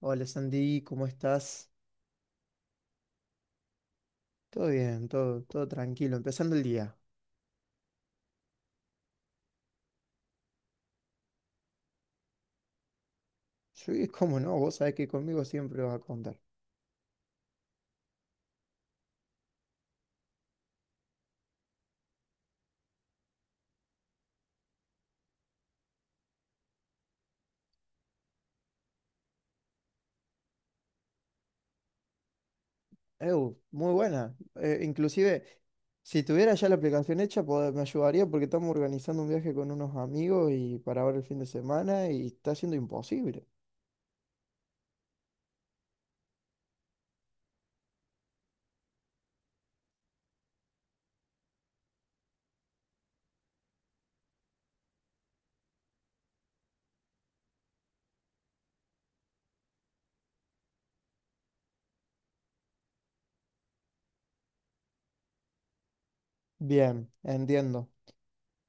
Hola Sandy, ¿cómo estás? Todo bien, todo tranquilo, empezando el día. Sí, cómo no, vos sabés que conmigo siempre vas a contar. Ew, muy buena. Inclusive, si tuviera ya la aplicación hecha, me ayudaría porque estamos organizando un viaje con unos amigos y para ahora el fin de semana y está siendo imposible. Bien, entiendo.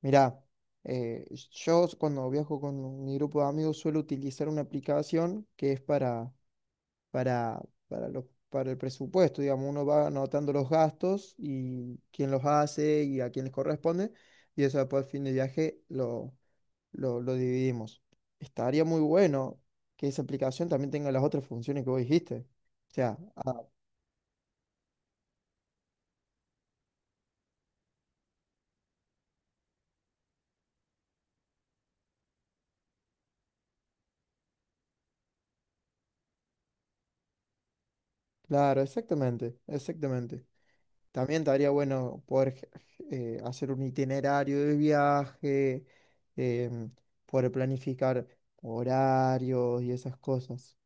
Mirá, eh, yo cuando viajo con mi grupo de amigos suelo utilizar una aplicación que es para, para el presupuesto. Digamos, uno va anotando los gastos y quién los hace y a quién les corresponde. Y eso después al fin de viaje lo dividimos. Estaría muy bueno que esa aplicación también tenga las otras funciones que vos dijiste. O sea, ah, claro, exactamente, exactamente. También estaría bueno poder hacer un itinerario de viaje, em, poder planificar horarios y esas cosas.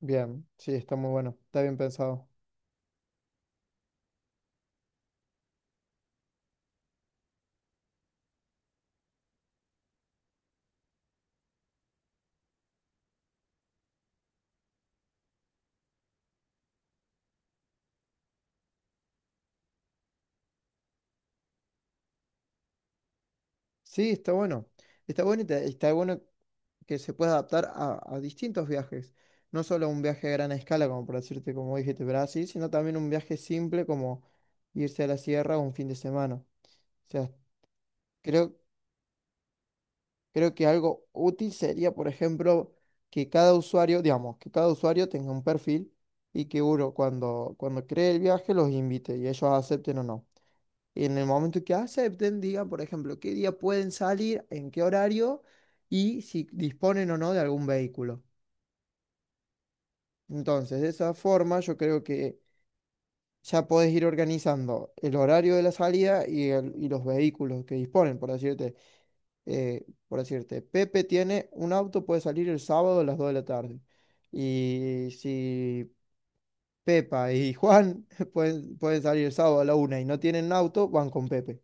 Bien, sí, está muy bueno, está bien pensado. Sí, está bueno. Está bueno está bueno que se pueda adaptar a distintos viajes. No solo a un viaje a gran escala, como por decirte, como dijiste, Brasil, sino también un viaje simple como irse a la sierra un fin de semana. O sea, creo, creo que algo útil sería, por ejemplo, que cada usuario, digamos, que cada usuario tenga un perfil y que uno cuando cree el viaje los invite y ellos acepten o no. Y en el momento que acepten, digan, por ejemplo, qué día pueden salir, en qué horario y si disponen o no de algún vehículo. Entonces, de esa forma, yo creo que ya podés ir organizando el horario de la salida y, y los vehículos que disponen, por decirte, por decirte, Pepe tiene un auto, puede salir el sábado a las 2 de la tarde. Y si Pepa y Juan pueden salir el sábado a la una y no tienen auto, van con Pepe.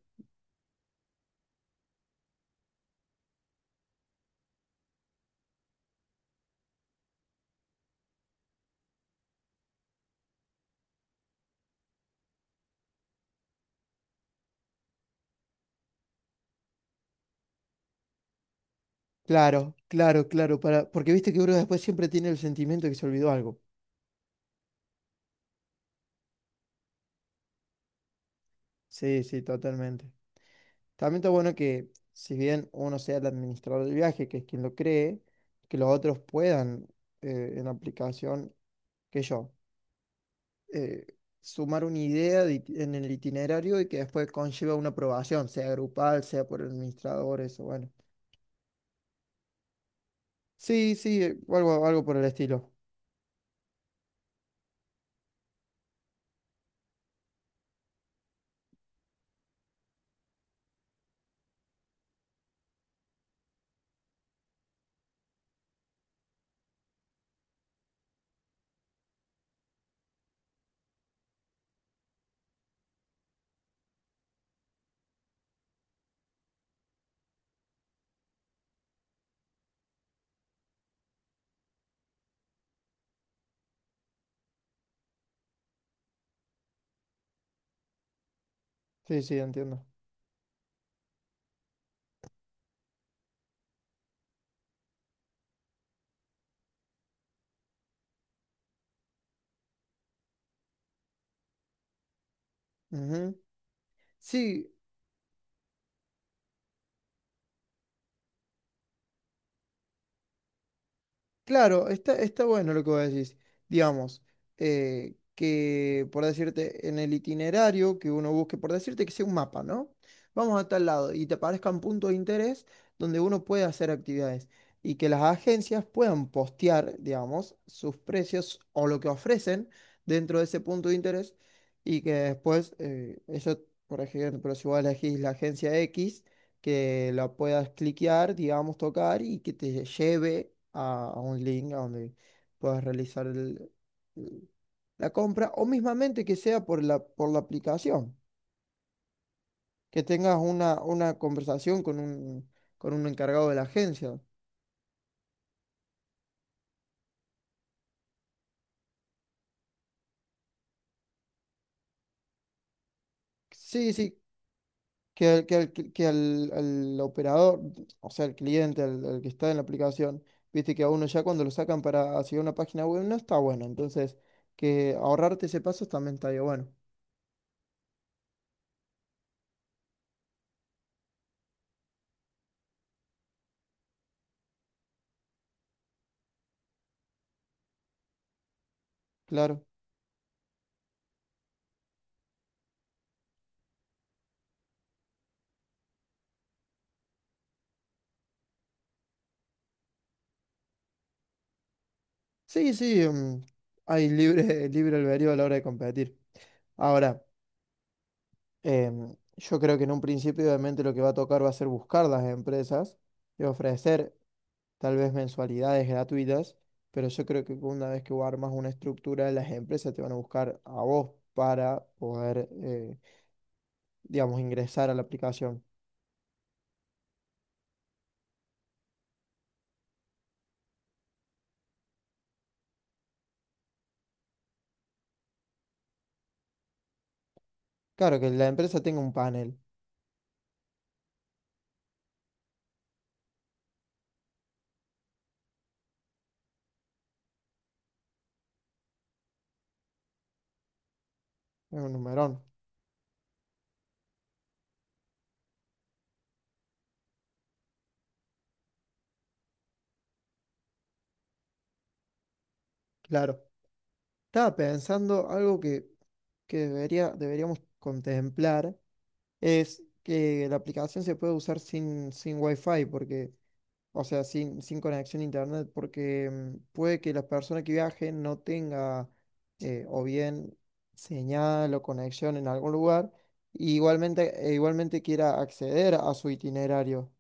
Claro, claro, claro, para, porque viste que uno después siempre tiene el sentimiento de que se olvidó algo. Sí, sí, totalmente. También está bueno que, si bien uno sea el administrador del viaje, que es quien lo cree, que los otros puedan, en aplicación, que yo, eh, sumar una idea de en el itinerario y que después conlleva una aprobación, sea grupal, sea por el administrador, eso, bueno. Sí, sí, algo por el estilo. Sí, sí, entiendo. Ujú. Sí, claro, está, está bueno lo que vos decís. Digamos, que por decirte, en el itinerario que uno busque, por decirte que sea un mapa, ¿no? Vamos a tal lado y te aparezcan puntos de interés donde uno puede hacer actividades y que las agencias puedan postear, digamos, sus precios o lo que ofrecen dentro de ese punto de interés y que después, eso, por ejemplo, si vos elegís la agencia X que la puedas cliquear, digamos, tocar y que te lleve a un link a donde puedas realizar el- la compra o mismamente que sea por la aplicación, que tengas una conversación con un encargado de la agencia. Sí, sí, que al operador, o sea, el cliente, el que está en la aplicación, viste que a uno ya cuando lo sacan para hacia una página web no está bueno, entonces que ahorrarte ese paso también estaría bueno, claro. Sí, sí, hay libre, libre albedrío a la hora de competir. Ahora, yo creo que en un principio obviamente lo que va a tocar va a ser buscar las empresas y ofrecer tal vez mensualidades gratuitas, pero yo creo que una vez que vos armas una estructura, las empresas te van a buscar a vos para poder, digamos, ingresar a la aplicación. Claro, que la empresa tenga un panel, es un numerón, claro. Estaba pensando algo que, deberíamos contemplar es que la aplicación se puede usar sin Wi-Fi, porque, o sea, sin conexión a internet, porque puede que la persona que viaje no tenga o bien señal o conexión en algún lugar, e igualmente quiera acceder a su itinerario.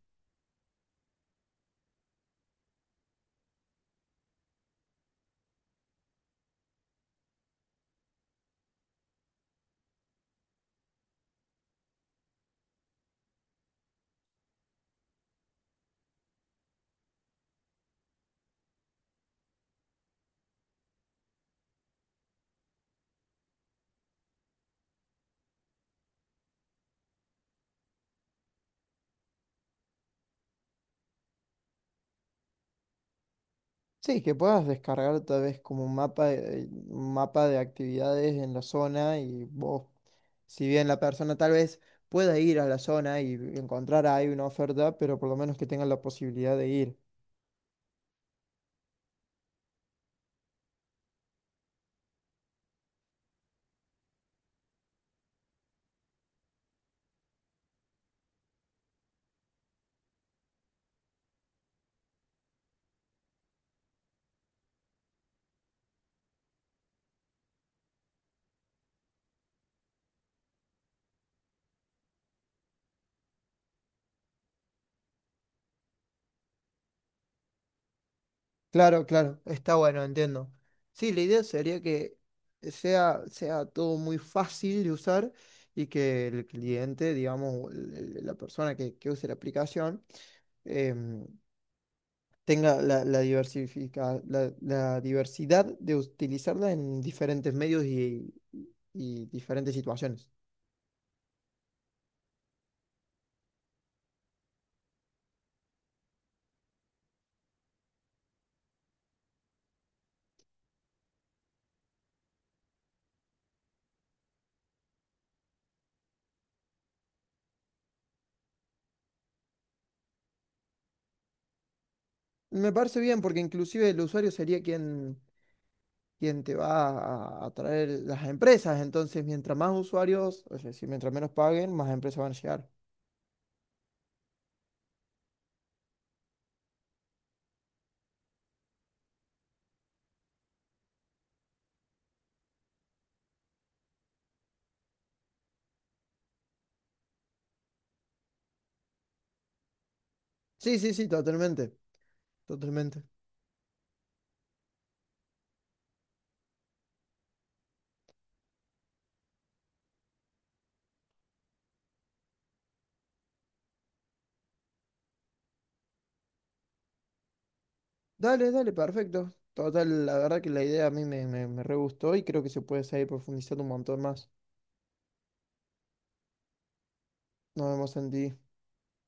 Sí, que puedas descargar tal vez como un mapa de actividades en la zona y vos, si bien la persona tal vez pueda ir a la zona y encontrar ahí una oferta, pero por lo menos que tenga la posibilidad de ir. Claro, claro, está bueno, entiendo. Sí, la idea sería que sea todo muy fácil de usar y que el cliente, digamos, o la persona que use la aplicación, em, tenga la, la, la diversidad de utilizarla en diferentes medios y diferentes situaciones. Me parece bien porque inclusive el usuario sería quien, quien te va a atraer las empresas, entonces mientras más usuarios, es decir, mientras menos paguen, más empresas van a llegar. Sí, sí, sí, totalmente, totalmente. Dale, dale, perfecto. Total, la verdad que la idea a mí me re gustó y creo que se puede seguir profundizando un montón más. Nos vemos en ti.